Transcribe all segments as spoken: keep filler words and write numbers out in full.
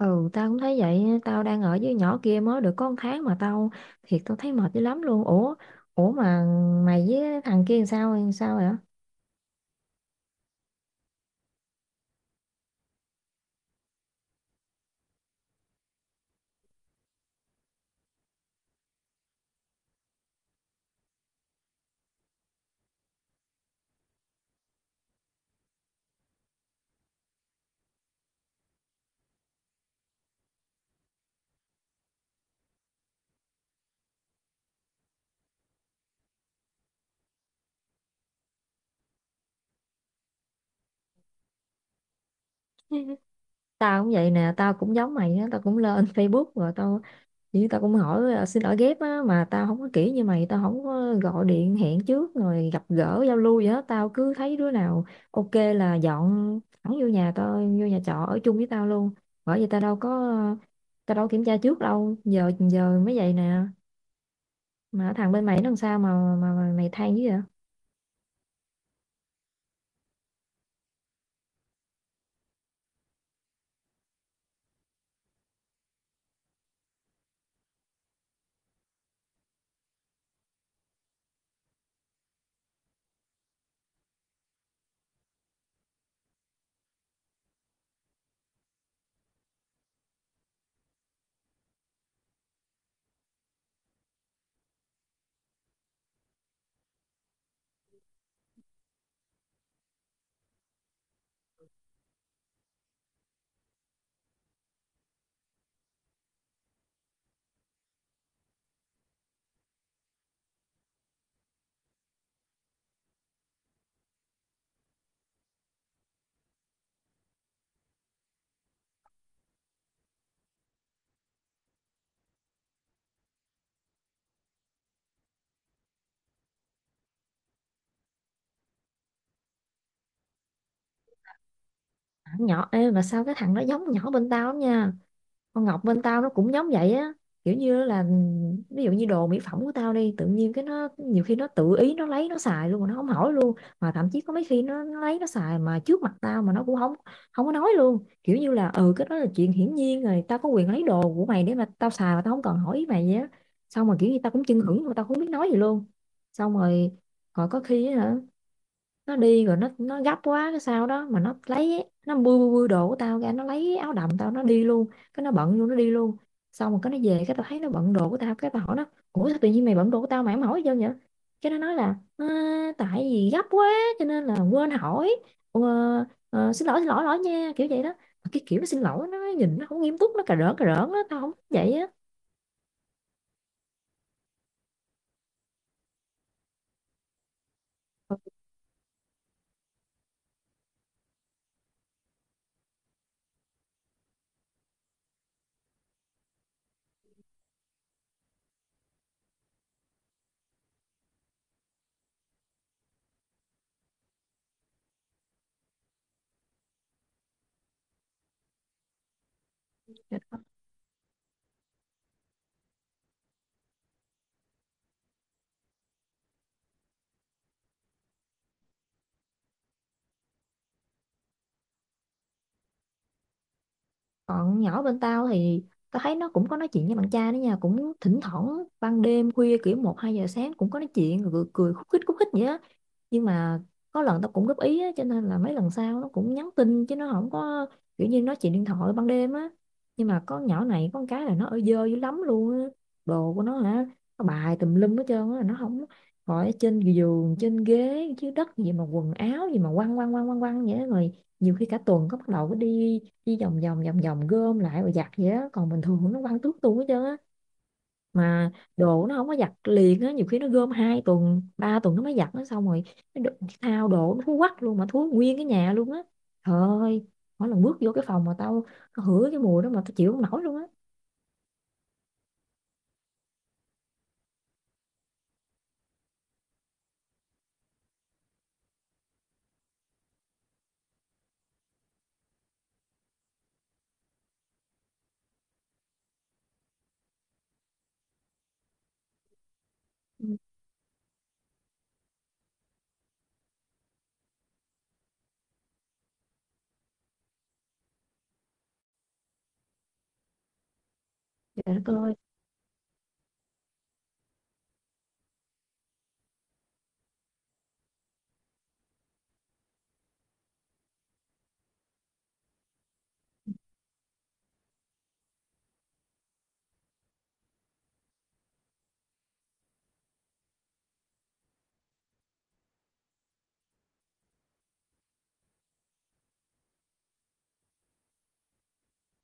Ừ, tao cũng thấy vậy, tao đang ở với nhỏ kia mới được có một tháng mà tao thiệt tao thấy mệt dữ lắm luôn. Ủa, ủa mà mày với thằng kia làm sao làm sao vậy? Tao cũng vậy nè, tao cũng giống mày á, tao cũng lên Facebook rồi tao chỉ tao cũng hỏi: "Ờ, xin lỗi ghép á mà tao không có kỹ như mày, tao không có gọi điện hẹn trước rồi gặp gỡ giao lưu gì hết, tao cứ thấy đứa nào ok là dọn thẳng vô nhà tao, vô nhà trọ ở chung với tao luôn. Bởi vì tao đâu có tao đâu kiểm tra trước đâu, giờ giờ mới vậy nè. Mà thằng bên mày nó làm sao mà mà, mà mày than dữ vậy? Thằng nhỏ ê, mà sao cái thằng nó giống nhỏ bên tao lắm nha, con Ngọc bên tao nó cũng giống vậy á. Kiểu như là ví dụ như đồ mỹ phẩm của tao đi, tự nhiên cái nó nhiều khi nó tự ý nó lấy nó xài luôn mà nó không hỏi luôn, mà thậm chí có mấy khi nó, nó lấy nó xài mà trước mặt tao mà nó cũng không không có nói luôn, kiểu như là ừ, cái đó là chuyện hiển nhiên rồi, tao có quyền lấy đồ của mày để mà tao xài mà tao không cần hỏi ý mày vậy á. Xong mà kiểu như tao cũng chưng hửng mà tao không biết nói gì luôn. Xong rồi còn có khi á hả, nó đi rồi, nó nó gấp quá cái sao đó mà nó lấy, nó bươi bươi bươi đồ của tao ra, nó lấy áo đầm tao nó đi luôn, cái nó bận luôn nó đi luôn. Xong rồi cái nó về, cái tao thấy nó bận đồ của tao, cái tao hỏi nó: Ủa, sao tự nhiên mày bận đồ của tao mà em hỏi chưa vậy? Cái nó nói là: "Ờ, tại vì gấp quá cho nên là quên hỏi. Ờ, ờ, Xin lỗi xin lỗi lỗi nha", kiểu vậy đó. Mà cái kiểu nó xin lỗi, nó nhìn nó không nghiêm túc, nó cà rỡn cà rỡn á, tao không thích vậy á. Còn nhỏ bên tao thì tao thấy nó cũng có nói chuyện với bạn trai đó nha, cũng thỉnh thoảng ban đêm khuya kiểu một hai giờ sáng cũng có nói chuyện rồi cười, cười khúc khích khúc khích vậy á. Nhưng mà có lần tao cũng góp ý á, cho nên là mấy lần sau nó cũng nhắn tin chứ nó không có kiểu như nói chuyện điện thoại ban đêm á. Nhưng mà con nhỏ này có một cái là nó ở dơ dữ lắm luôn á. Đồ của nó hả, nó bài tùm lum hết trơn á, nó không khỏi ở trên giường, trên ghế, dưới đất gì mà quần áo gì mà quăng quăng quăng quăng quăng vậy á. Rồi nhiều khi cả tuần có bắt đầu có đi chỉ vòng vòng vòng vòng gom lại rồi giặt vậy á, còn bình thường nó quăng tước tung hết trơn á. Mà đồ nó không có giặt liền á, nhiều khi nó gom hai tuần ba tuần nó mới giặt nó. Xong rồi nó đ- thao đồ nó thúi quắc luôn, mà thúi nguyên cái nhà luôn á. Trời ơi, mỗi lần bước vô cái phòng mà tao tao hửi cái mùi đó mà tao chịu không nổi luôn á. Ừ, trời đất ơi.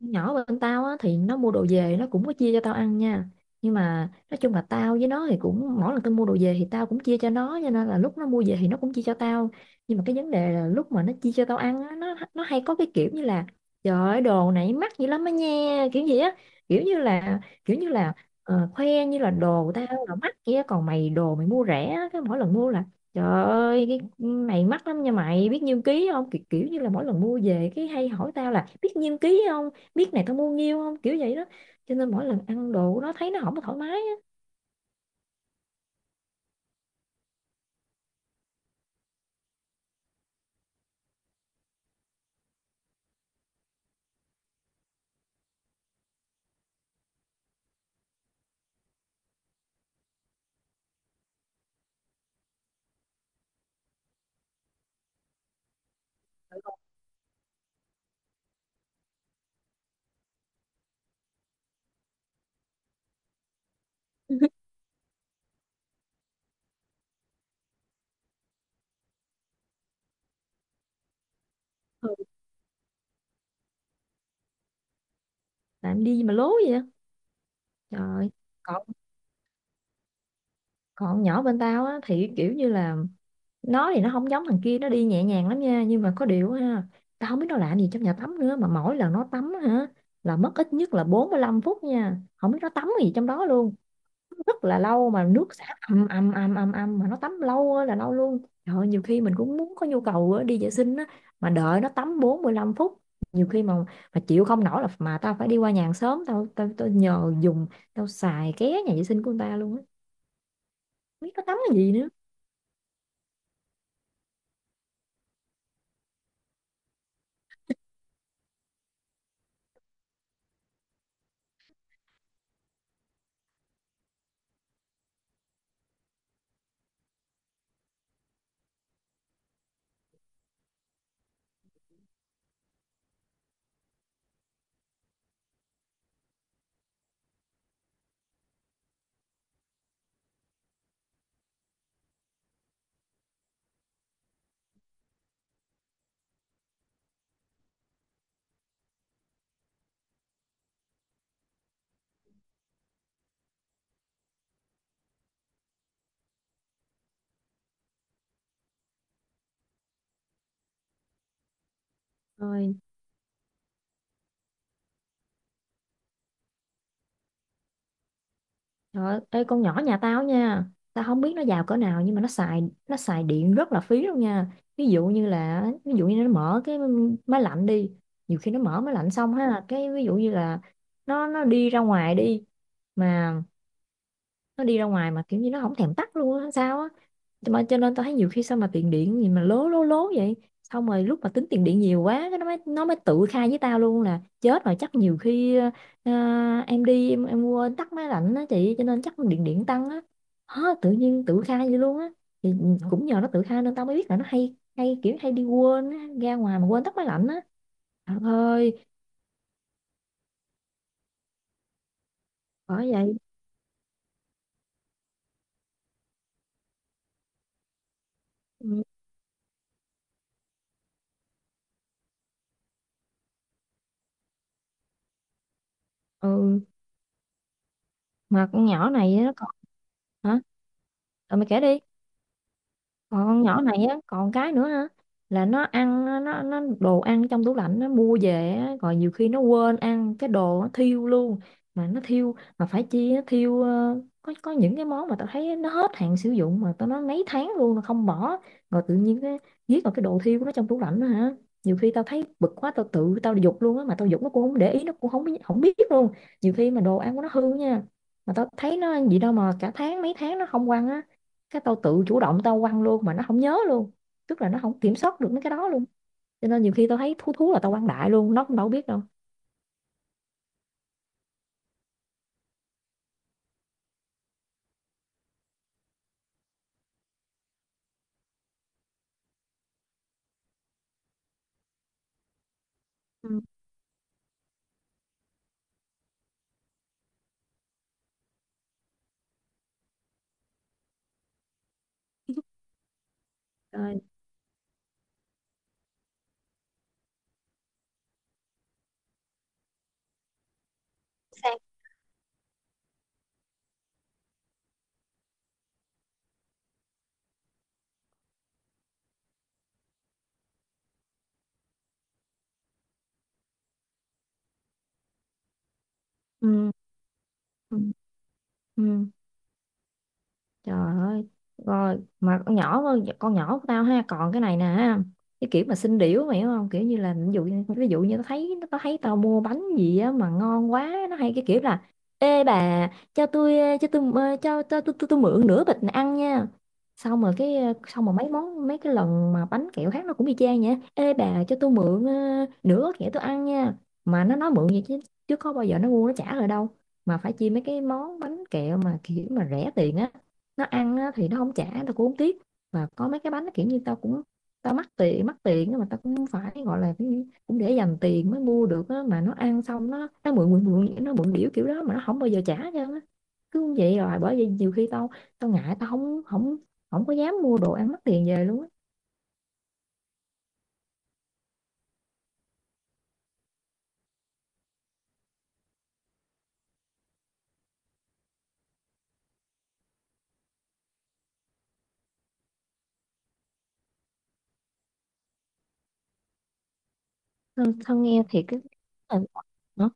Con nhỏ bên tao á thì nó mua đồ về nó cũng có chia cho tao ăn nha, nhưng mà nói chung là tao với nó thì cũng mỗi lần tao mua đồ về thì tao cũng chia cho nó, cho nên là lúc nó mua về thì nó cũng chia cho tao. Nhưng mà cái vấn đề là lúc mà nó chia cho tao ăn á, nó nó hay có cái kiểu như là trời ơi đồ này mắc dữ lắm á nha, kiểu gì á. Kiểu như là kiểu như là ờ, khoe như là đồ của tao là mắc kia, còn mày đồ mày mua rẻ á. Cái mỗi lần mua là trời ơi, cái này mắc lắm nha, mày biết nhiêu ký không, kiểu, kiểu như là mỗi lần mua về cái hay hỏi tao là biết nhiêu ký không, biết này tao mua nhiêu không, kiểu vậy đó. Cho nên mỗi lần ăn đồ của nó thấy nó không có thoải mái á. Ừ. Làm đi mà lố vậy á. Trời, còn còn nhỏ bên tao á thì kiểu như là nó thì nó không giống thằng kia, nó đi nhẹ nhàng lắm nha, nhưng mà có điều á ha, tao không biết nó làm gì trong nhà tắm nữa mà mỗi lần nó tắm á hả là mất ít nhất là bốn mươi lăm phút nha, không biết nó tắm gì trong đó luôn. Rất là lâu mà nước xả ầm ầm ầm ầm ầm, mà nó tắm lâu ơi là lâu luôn. Trời ơi, nhiều khi mình cũng muốn có nhu cầu á, đi vệ sinh á, mà đợi nó tắm bốn mươi lăm phút, nhiều khi mà mà chịu không nổi là mà tao phải đi qua nhà hàng xóm, tao tao tao nhờ dùng, tao xài ké nhà vệ sinh của người ta luôn á, biết nó tắm cái gì nữa. Rồi. Trời ơi, ê, con nhỏ nhà tao nha, tao không biết nó giàu cỡ nào nhưng mà nó xài nó xài điện rất là phí luôn nha. Ví dụ như là ví dụ như nó mở cái máy lạnh đi, nhiều khi nó mở máy lạnh xong ha, cái ví dụ như là nó nó đi ra ngoài đi, mà nó đi ra ngoài mà kiểu như nó không thèm tắt luôn á sao á. Cho mà cho nên tao thấy nhiều khi sao mà tiền điện gì mà lố lố lố vậy. Xong rồi lúc mà tính tiền điện nhiều quá, cái nó mới nó mới tự khai với tao luôn là chết rồi, chắc nhiều khi ờ, em đi em em quên tắt máy lạnh á chị, cho nên chắc điện điện tăng á, hả, tự nhiên tự khai vậy luôn á. Thì ừ, cũng nhờ nó tự khai nên tao mới biết là nó hay hay kiểu hay đi quên á, ra ngoài mà quên tắt máy lạnh á. Trời ơi, bởi vậy. Ừ, ừ, mà con nhỏ này nó còn hả? Rồi mày kể đi. Còn con nhỏ này á còn cái nữa ha, là nó ăn á, nó nó đồ ăn trong tủ lạnh nó mua về á, rồi nhiều khi nó quên ăn cái đồ nó thiêu luôn. Mà nó thiêu, mà phải chi nó thiêu, ờ, có có những cái món mà tao thấy nó hết hạn sử dụng mà tao nói mấy tháng luôn nó không bỏ, rồi tự nhiên cái giết vào cái đồ thiêu của nó trong tủ lạnh đó hả. Nhiều khi tao thấy bực quá, tao tự tao giục luôn á, mà tao giục nó cũng không để ý, nó cũng không biết- không biết luôn. Nhiều khi mà đồ ăn của nó hư nha, mà tao thấy nó ăn gì đâu mà cả tháng mấy tháng nó không quăng á, cái tao tự chủ động tao quăng luôn mà nó không nhớ luôn, tức là nó không kiểm soát được mấy cái đó luôn. Cho nên nhiều khi tao thấy thú thú là tao quăng đại luôn, nó cũng đâu biết đâu. Ừ. Rồi. Sang. Ừ. Ừ. Ừ. Trời ơi, rồi mà con nhỏ hơn con nhỏ của tao ha, còn cái này nè, ha, cái kiểu mà xinh điểu mày hiểu không? Kiểu như là ví dụ như ví dụ như nó thấy nó thấy tao mua bánh gì á mà ngon quá, nó hay cái kiểu là ê bà, cho tôi ờ, cho tôi ờ, cho cho tôi tôi, tôi mượn nửa bịch này ăn nha. Xong rồi cái ờ, xong rồi mấy món, mấy cái lần mà bánh kẹo khác nó cũng y chang vậy. Ê bà, cho tôi mượn ờ, nửa gói kẹo tôi ăn nha. Mà nó nói mượn vậy chứ chứ có bao giờ nó mua nó trả rồi đâu. Mà phải chi mấy cái món bánh kẹo mà kiểu mà rẻ tiền á, nó ăn á thì nó không trả tao cũng không tiếc. Và có mấy cái bánh nó kiểu như tao cũng tao mắc tiền mắc tiền nhưng mà tao cũng phải gọi là cái gì, cũng để dành tiền mới mua được á, mà nó ăn xong nó nó mượn mượn mượn nó mượn điểu kiểu đó mà nó không bao giờ trả cho nó, cứ như vậy. Rồi bởi vậy nhiều khi tao tao ngại, tao không không không có dám mua đồ ăn mắc tiền về luôn á. Thân, thân nghe thiệt cái ờ,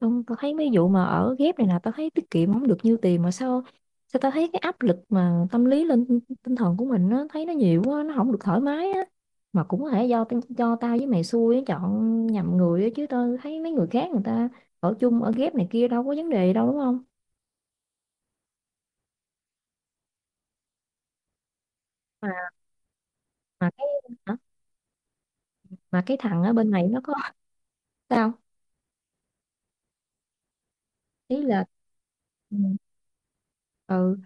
không, tao thấy mấy vụ mà ở ghép này nè tao thấy tiết kiệm không được nhiêu tiền mà sao sao tao thấy cái áp lực mà tâm lý lên tinh tinh thần của mình nó thấy nó nhiều quá, nó không được thoải mái á. Mà cũng có thể do tin- do tao với mày xui á, chọn nhầm người á, chứ tao thấy mấy người khác người ta ở chung ở ghép này kia đâu có vấn đề đâu, đúng không? Mà mà cái hả? Mà cái thằng ở bên này nó có sao, ý là ừ, ừ,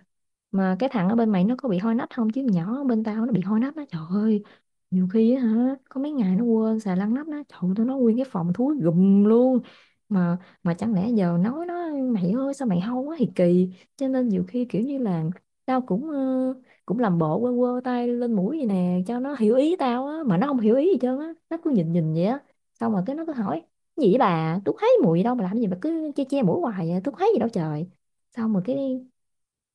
mà cái thằng ở bên mày nó có bị hôi nách không? Chứ nhỏ bên tao nó bị hôi nách đó trời ơi, nhiều khi á hả có mấy ngày nó quên xài lăn nắp đó, trời ơi, tụi nó nguyên cái phòng thúi gùm luôn. Mà mà chẳng lẽ giờ nói nó mày ơi sao mày hôi quá thì kỳ, cho nên nhiều khi kiểu như là tao cũng ờ, cũng làm bộ quơ quơ tay lên mũi vậy nè cho nó hiểu ý tao á, mà nó không hiểu ý gì trơn á, nó cứ nhìn nhìn vậy á. Xong rồi cái nó cứ hỏi gì vậy bà, tôi thấy mùi đâu mà làm gì mà cứ che che mũi hoài vậy? Tôi thấy gì đâu trời. Xong rồi cái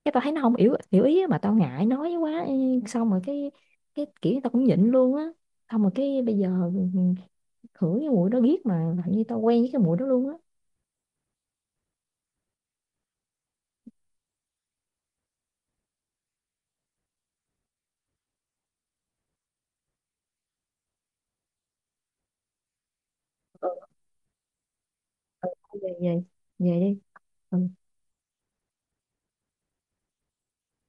cái tao thấy nó không hiểu hiểu ý á, mà tao ngại nói quá. Xong rồi cái cái kiểu tao cũng nhịn luôn á. Xong rồi cái bây giờ khử cái mùi đó ghét, mà làm như tao quen với cái mùi đó luôn á. Thôi về về về đi. Ừ.